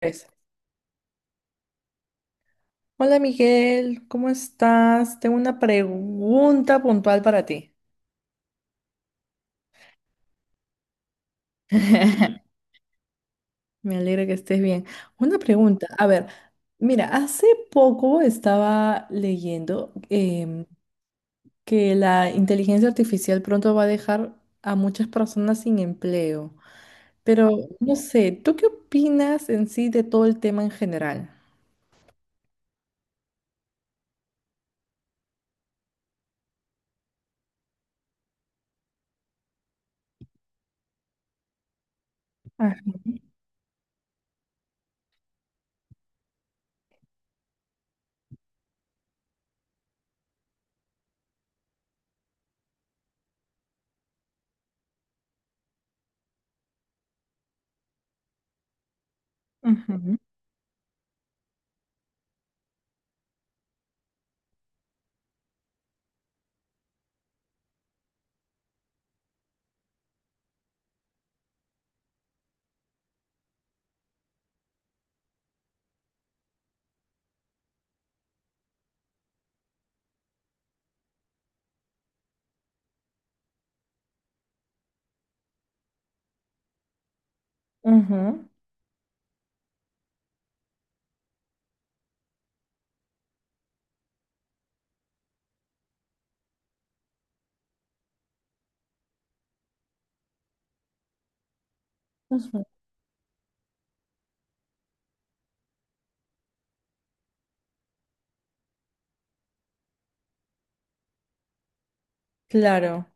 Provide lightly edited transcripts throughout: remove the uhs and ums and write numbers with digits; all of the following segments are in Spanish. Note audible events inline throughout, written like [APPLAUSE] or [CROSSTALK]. Pues, hola Miguel, ¿cómo estás? Tengo una pregunta puntual para ti. [LAUGHS] Me alegra que estés bien. Una pregunta, a ver, mira, hace poco estaba leyendo que la inteligencia artificial pronto va a dejar a muchas personas sin empleo, pero no sé, ¿tú qué opinas en sí de todo el tema en general? Ah, ujú, ujú, ujú. Claro,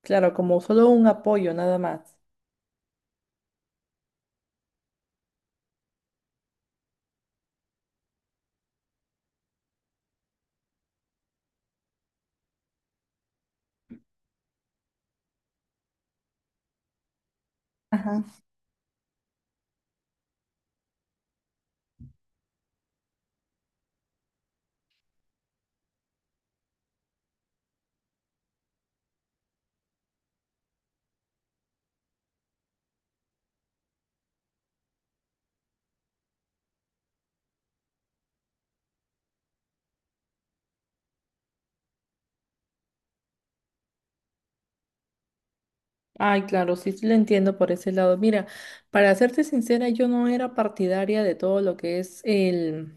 claro, como solo un apoyo nada más. Ay, claro, sí, sí lo entiendo por ese lado. Mira, para serte sincera, yo no era partidaria de todo lo que es el,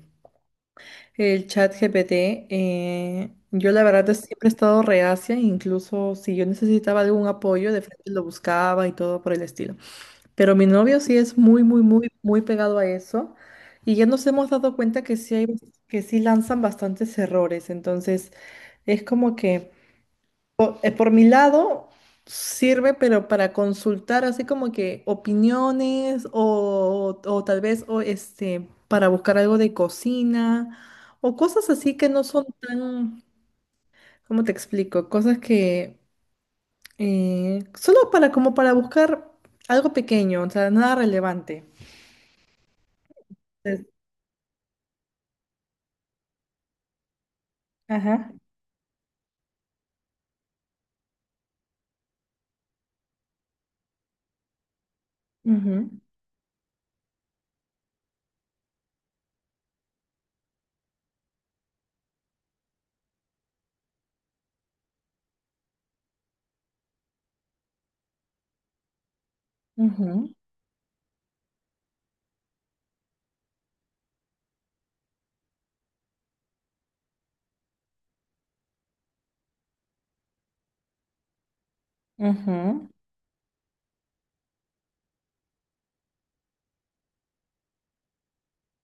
el chat GPT. Yo la verdad siempre he estado reacia, incluso si yo necesitaba algún apoyo, de frente lo buscaba y todo por el estilo. Pero mi novio sí es muy, muy, muy, muy pegado a eso. Y ya nos hemos dado cuenta que sí hay, que sí lanzan bastantes errores. Entonces, es como que... por mi lado, sirve, pero para consultar así como que opiniones o tal vez o este, para buscar algo de cocina o cosas así que no son tan, ¿cómo te explico? Cosas que solo para como para buscar algo pequeño, o sea, nada relevante. Es- Ajá. Ujú, ujú,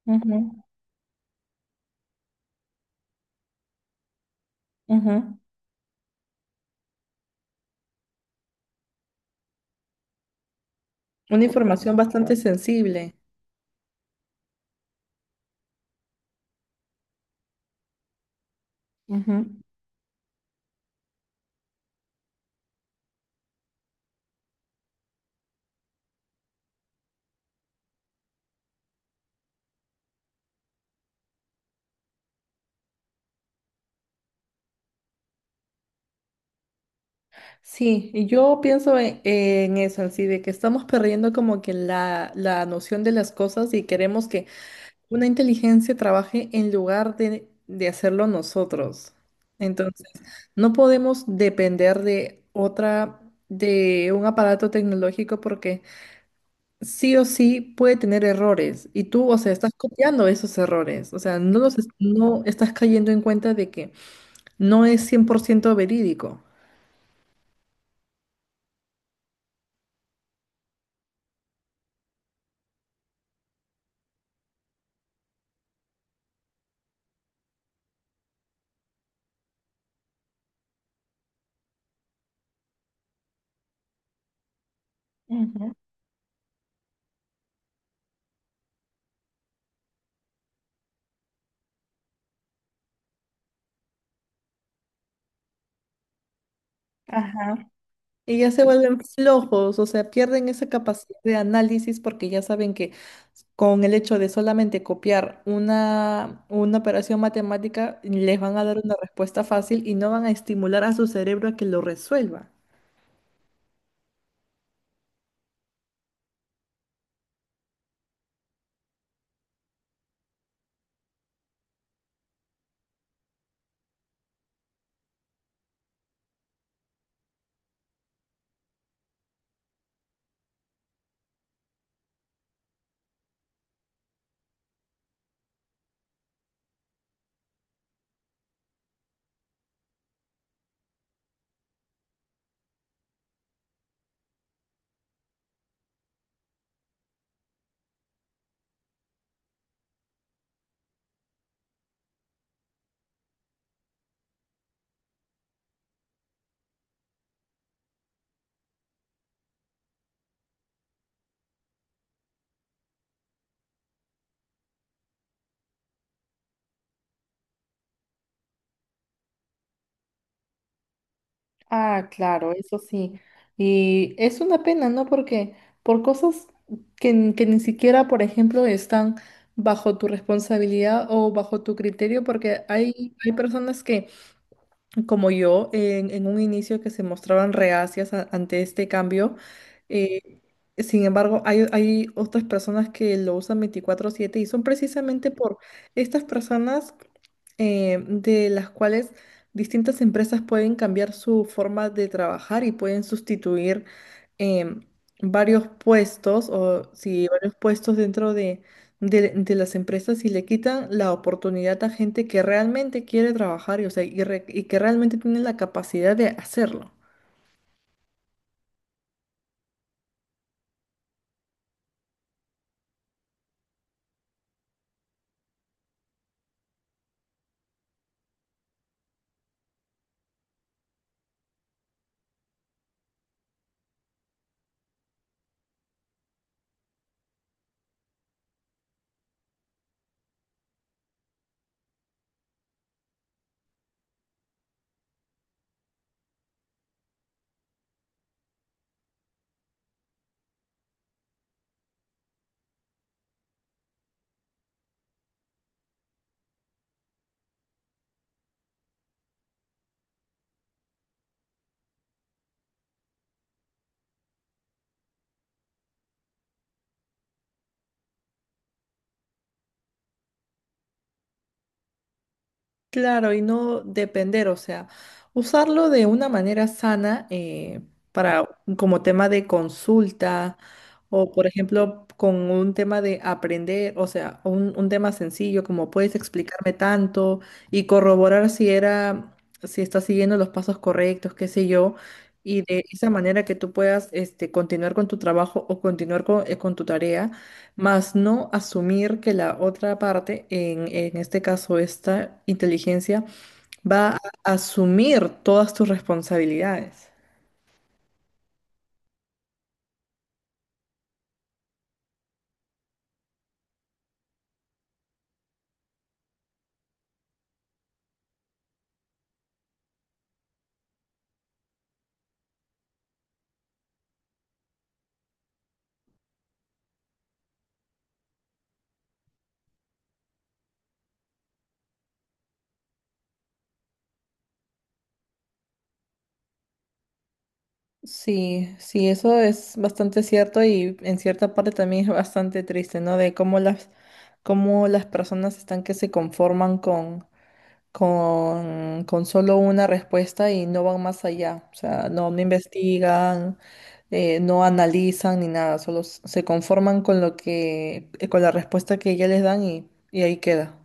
ujú, ujú, ujú. Una información bastante sensible. Ujú. Sí, y yo pienso en eso, así de que estamos perdiendo como que la noción de las cosas y queremos que una inteligencia trabaje en lugar de hacerlo nosotros. Entonces, no podemos depender de otra, de un aparato tecnológico porque sí o sí puede tener errores y tú, o sea, estás copiando esos errores, o sea, no los, no estás cayendo en cuenta de que no es 100% verídico. Ujú, ajá. Y ya se vuelven flojos, o sea, pierden esa capacidad de análisis porque ya saben que con el hecho de solamente copiar una operación matemática les van a dar una respuesta fácil y no van a estimular a su cerebro a que lo resuelva. Ah, claro, eso sí. Y es una pena, ¿no? Porque por cosas que, que ni siquiera, por ejemplo, están bajo tu responsabilidad o bajo tu criterio, porque hay personas que como yo, en un inicio que se mostraban reacias ante este cambio. eh, Sin embargo, hay otras personas que lo usan 24/7 y son precisamente por estas personas de las cuales distintas empresas pueden cambiar su forma de trabajar y pueden sustituir em, varios puestos o si varios puestos dentro de, de las empresas y le quitan la oportunidad a gente que realmente quiere trabajar y, o sea, y que realmente tiene la capacidad de hacerlo. Claro, y no depender, o sea, usarlo de una manera sana, para como tema de consulta o, por ejemplo, con un tema de aprender, o sea, un tema sencillo como puedes explicarme tanto y corroborar si era, si está siguiendo los pasos correctos, qué sé yo, y de esa manera que tú puedas este, continuar con tu trabajo o continuar con tu tarea, más no asumir que la otra parte, en este caso esta inteligencia, va a asumir todas tus responsabilidades. Sí, sí, eso es bastante cierto y en cierta parte también es bastante triste, ¿no? De cómo las personas están que se conforman con solo una respuesta y no van más allá. O sea, no, no investigan, no analizan ni nada, solo se conforman con lo que, con la respuesta que ya les dan y ahí queda.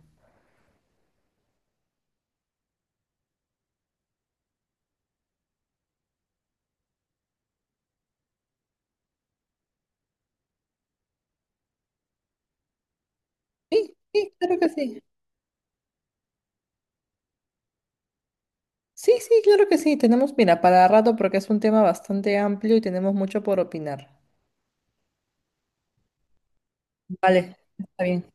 Sí, sí, claro que sí. Sí, sí, claro que sí. Tenemos, mira, para rato porque es un tema bastante amplio y tenemos mucho por opinar. Vale, está bien.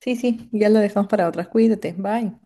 Sí, sí, ya lo dejamos para otras. Cuídate, bye.